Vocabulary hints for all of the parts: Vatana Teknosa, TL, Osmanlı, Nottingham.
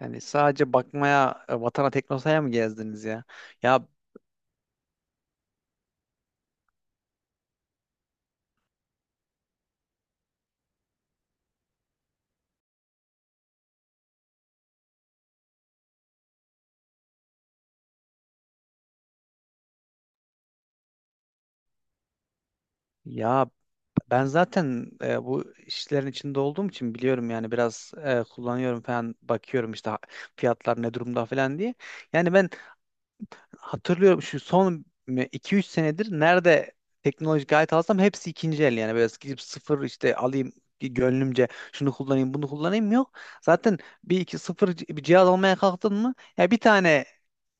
Yani sadece bakmaya Vatana Teknosa'ya mı gezdiniz ya? Ya ya ben zaten bu işlerin içinde olduğum için biliyorum yani biraz kullanıyorum falan bakıyorum işte fiyatlar ne durumda falan diye. Yani ben hatırlıyorum şu son iki üç senedir nerede teknolojik alet alsam hepsi ikinci el yani böyle gidip sıfır işte alayım gönlümce şunu kullanayım bunu kullanayım yok. Zaten bir iki sıfır bir cihaz almaya kalktın mı ya bir tane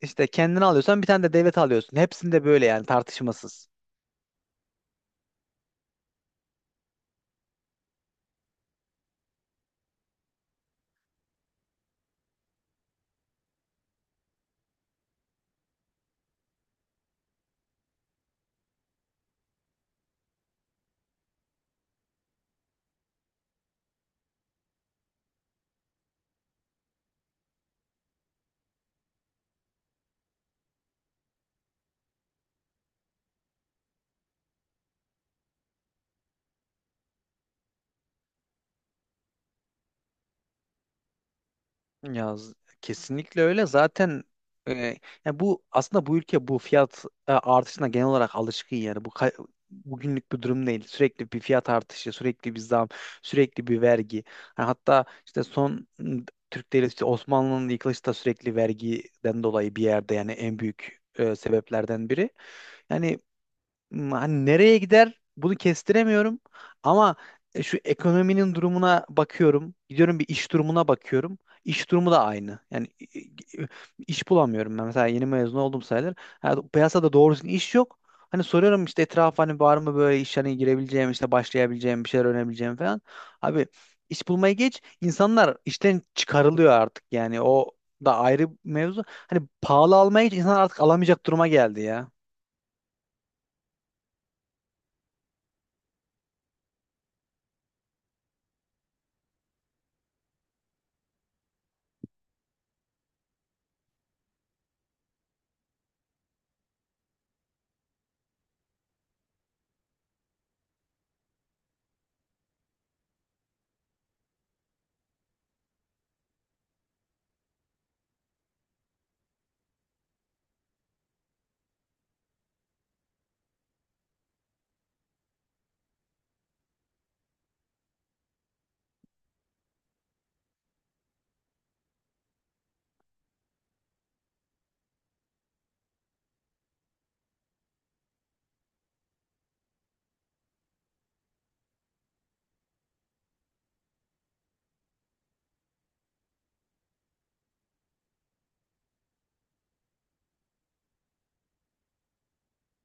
işte kendini alıyorsan bir tane de devlet alıyorsun. Hepsinde böyle yani tartışmasız. Ya kesinlikle öyle. Zaten e, ya bu aslında bu ülke bu fiyat artışına genel olarak alışkın yani. Bugünlük bir durum değil. Sürekli bir fiyat artışı, sürekli bir zam, sürekli bir vergi. Ha, hatta işte son Türk devleti işte Osmanlı'nın yıkılışı da sürekli vergiden dolayı bir yerde yani en büyük sebeplerden biri. Yani hani nereye gider bunu kestiremiyorum. Ama şu ekonominin durumuna bakıyorum. Gidiyorum bir iş durumuna bakıyorum. İş durumu da aynı. Yani i- iş bulamıyorum ben. Mesela yeni mezun oldum sayılır. Ha, piyasada doğru düzgün iş yok. Hani soruyorum işte etrafa hani var mı böyle iş hani girebileceğim işte başlayabileceğim bir şeyler öğrenebileceğim falan. Abi iş bulmaya geç, İnsanlar işten çıkarılıyor artık, yani o da ayrı mevzu. Hani pahalı almaya geç, insan artık alamayacak duruma geldi ya.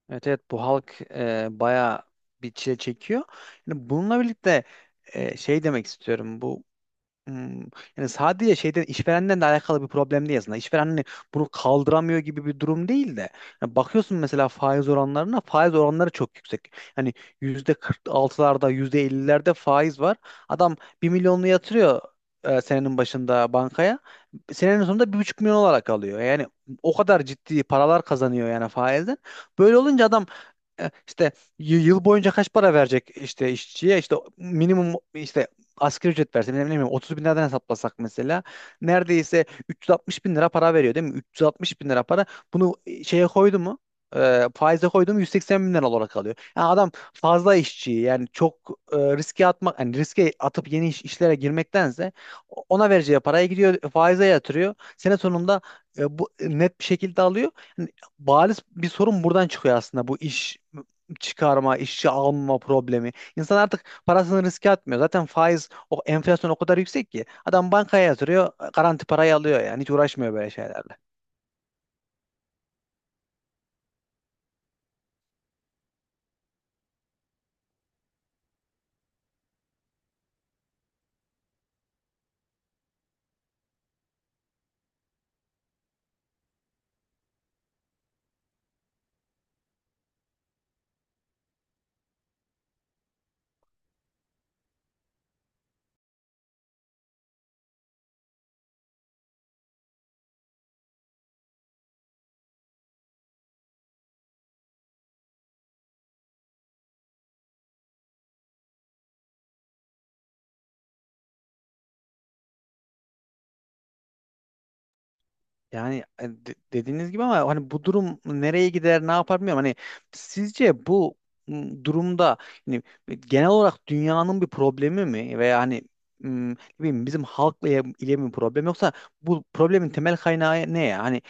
Evet, evet, bu halk bayağı bir çile çekiyor. Yani bununla birlikte şey demek istiyorum, bu hmm, yani sadece şeyden, işverenden de alakalı bir problem değil aslında. İşveren hani bunu kaldıramıyor gibi bir durum değil de yani bakıyorsun mesela faiz oranlarına, faiz oranları çok yüksek. Hani yüzde 46'larda, yüzde 50'lerde faiz var. Adam bir milyonlu yatırıyor senenin başında bankaya. Senenin sonunda 1,5 milyon olarak alıyor. Yani o kadar ciddi paralar kazanıyor yani faizden. Böyle olunca adam işte yıl boyunca kaç para verecek işte işçiye, işte minimum, işte asgari ücret verse, ne bileyim 30 bin liradan hesaplasak mesela neredeyse 360 bin lira para veriyor değil mi? 360 bin lira para bunu şeye koydu mu, faize koydu mu 180 bin lira olarak alıyor. Yani adam fazla işçiyi, yani çok riske atmak, yani riske atıp yeni işlere girmektense ona vereceği paraya gidiyor, faize yatırıyor. Sene sonunda bu net bir şekilde alıyor. Bariz bir sorun buradan çıkıyor aslında, bu iş çıkarma, işçi alma problemi. İnsan artık parasını riske atmıyor. Zaten faiz, o enflasyon o kadar yüksek ki adam bankaya yatırıyor, garanti parayı alıyor, yani hiç uğraşmıyor böyle şeylerle. Yani dediğiniz gibi, ama hani bu durum nereye gider, ne yapar bilmiyorum. Hani sizce bu durumda hani genel olarak dünyanın bir problemi mi, veya hani ne bileyim bizim halkla ile mi problem, yoksa bu problemin temel kaynağı ne ya? Hani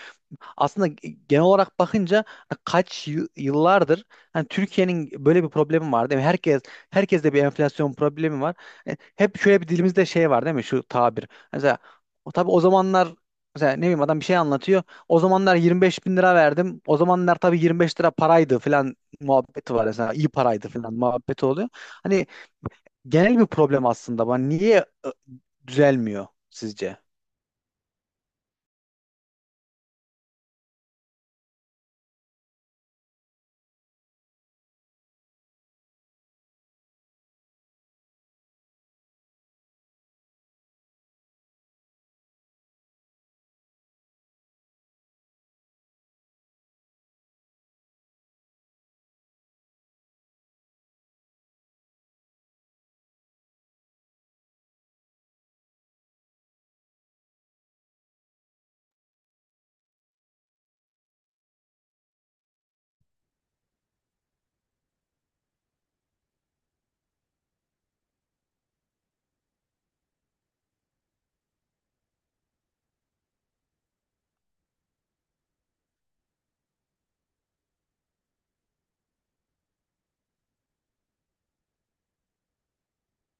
aslında genel olarak bakınca kaç yıllardır hani Türkiye'nin böyle bir problemi var değil mi? Herkeste bir enflasyon problemi var. Hep şöyle bir dilimizde şey var değil mi? Şu tabir. Mesela o, tabii o zamanlar, mesela ne bileyim adam bir şey anlatıyor. "O zamanlar 25 bin lira verdim. O zamanlar tabii 25 lira paraydı" falan muhabbeti var mesela. İyi paraydı falan muhabbeti oluyor. Hani genel bir problem aslında. Bana niye e, düzelmiyor sizce?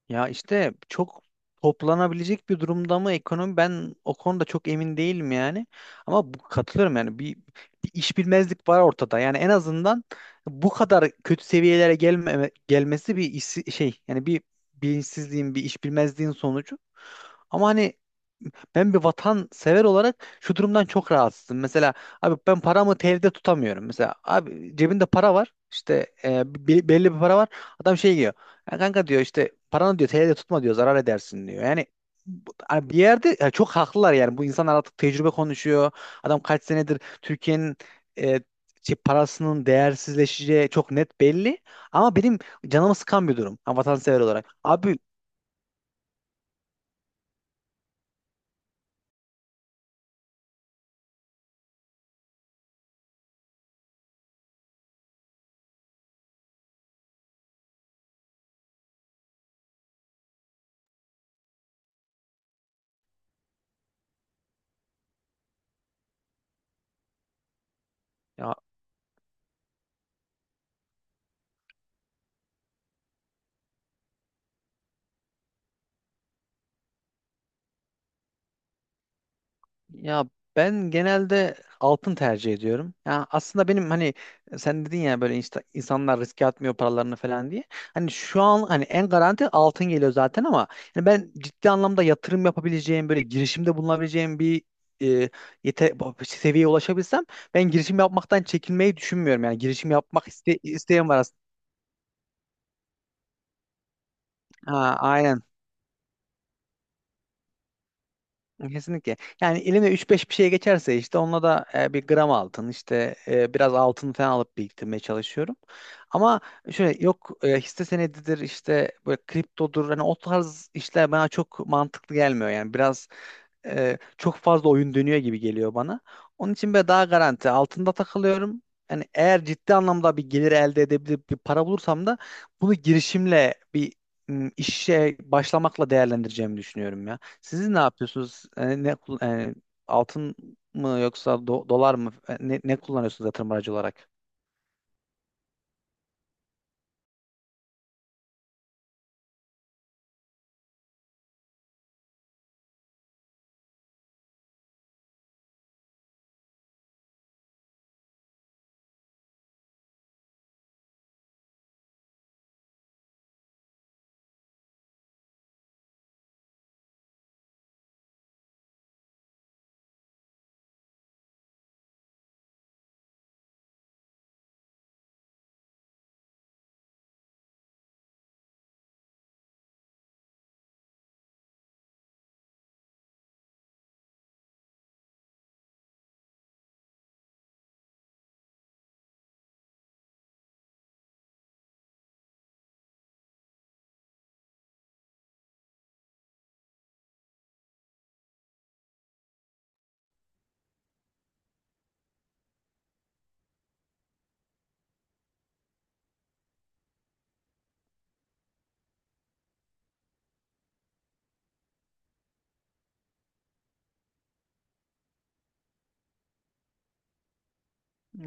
Ya işte çok, toplanabilecek bir durumda mı ekonomi, ben o konuda çok emin değilim yani. Ama bu, katılıyorum yani, bir iş bilmezlik var ortada. Yani en azından bu kadar kötü seviyelere gelmesi bir iş, şey yani bir bilinçsizliğin, bir iş bilmezliğin sonucu. Ama hani ben bir vatansever olarak şu durumdan çok rahatsızım. Mesela abi ben paramı TL'de tutamıyorum. Mesela abi cebinde para var. İşte belli bir para var. Adam şey diyor. "Ya kanka, diyor, işte paranı, diyor, TL'de tutma, diyor, zarar edersin, diyor." Yani hani bir yerde ya çok haklılar, yani bu insanlar artık tecrübe konuşuyor. Adam kaç senedir Türkiye'nin e, parasının değersizleşeceği çok net belli. Ama benim canımı sıkan bir durum, vatansever olarak. Abi. Ya ben genelde altın tercih ediyorum. Ya aslında benim hani, sen dedin ya böyle, insanlar riske atmıyor paralarını falan diye. Hani şu an hani en garanti altın geliyor zaten ama, yani ben ciddi anlamda yatırım yapabileceğim, böyle girişimde bulunabileceğim bir e, yete seviyeye ulaşabilsem, ben girişim yapmaktan, çekinmeyi düşünmüyorum. Yani girişim yapmak isteğim var aslında. Ha, aynen. Kesinlikle. Yani eline üç beş bir şey geçerse, işte onunla da bir gram altın, işte biraz altın falan alıp biriktirmeye çalışıyorum. Ama şöyle yok hisse senedidir, işte böyle kriptodur, hani o tarz işler bana çok mantıklı gelmiyor, yani biraz çok fazla oyun dönüyor gibi geliyor bana. Onun için böyle daha garanti altında takılıyorum. Yani eğer ciddi anlamda bir gelir elde edebilip bir para bulursam da, bunu girişimle, bir işe başlamakla değerlendireceğimi düşünüyorum ya. Siz ne yapıyorsunuz? Altın mı, yoksa dolar mı? Ne kullanıyorsunuz yatırım aracı olarak?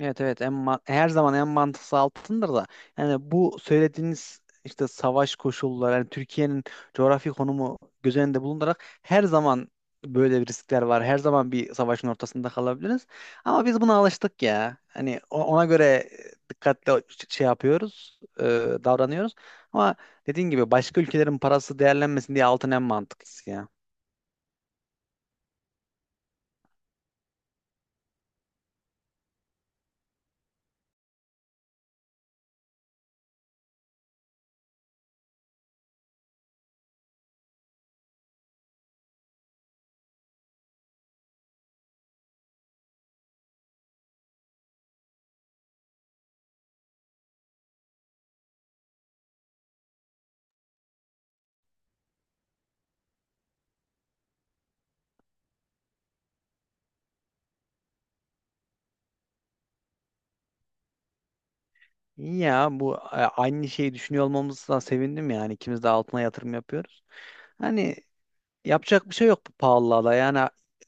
Evet, evet, en her zaman en mantıklı altındır da, yani bu söylediğiniz işte savaş koşulları, yani Türkiye'nin coğrafi konumu göz önünde bulundurarak her zaman böyle bir riskler var. Her zaman bir savaşın ortasında kalabiliriz. Ama biz buna alıştık ya. Hani ona göre dikkatli şey yapıyoruz, davranıyoruz. Ama dediğin gibi başka ülkelerin parası değerlenmesin diye, altın en mantıklısı ya. İyi ya, bu aynı şeyi düşünüyor olmamızdan sevindim, yani ikimiz de altına yatırım yapıyoruz. Hani yapacak bir şey yok bu pahalılığa da. Yani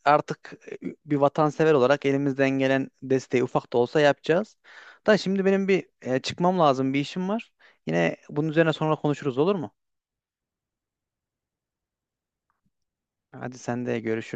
artık bir vatansever olarak elimizden gelen desteği, ufak da olsa, yapacağız. Da şimdi benim bir çıkmam lazım, bir işim var. Yine bunun üzerine sonra konuşuruz, olur mu? Hadi, sen de görüşürüz.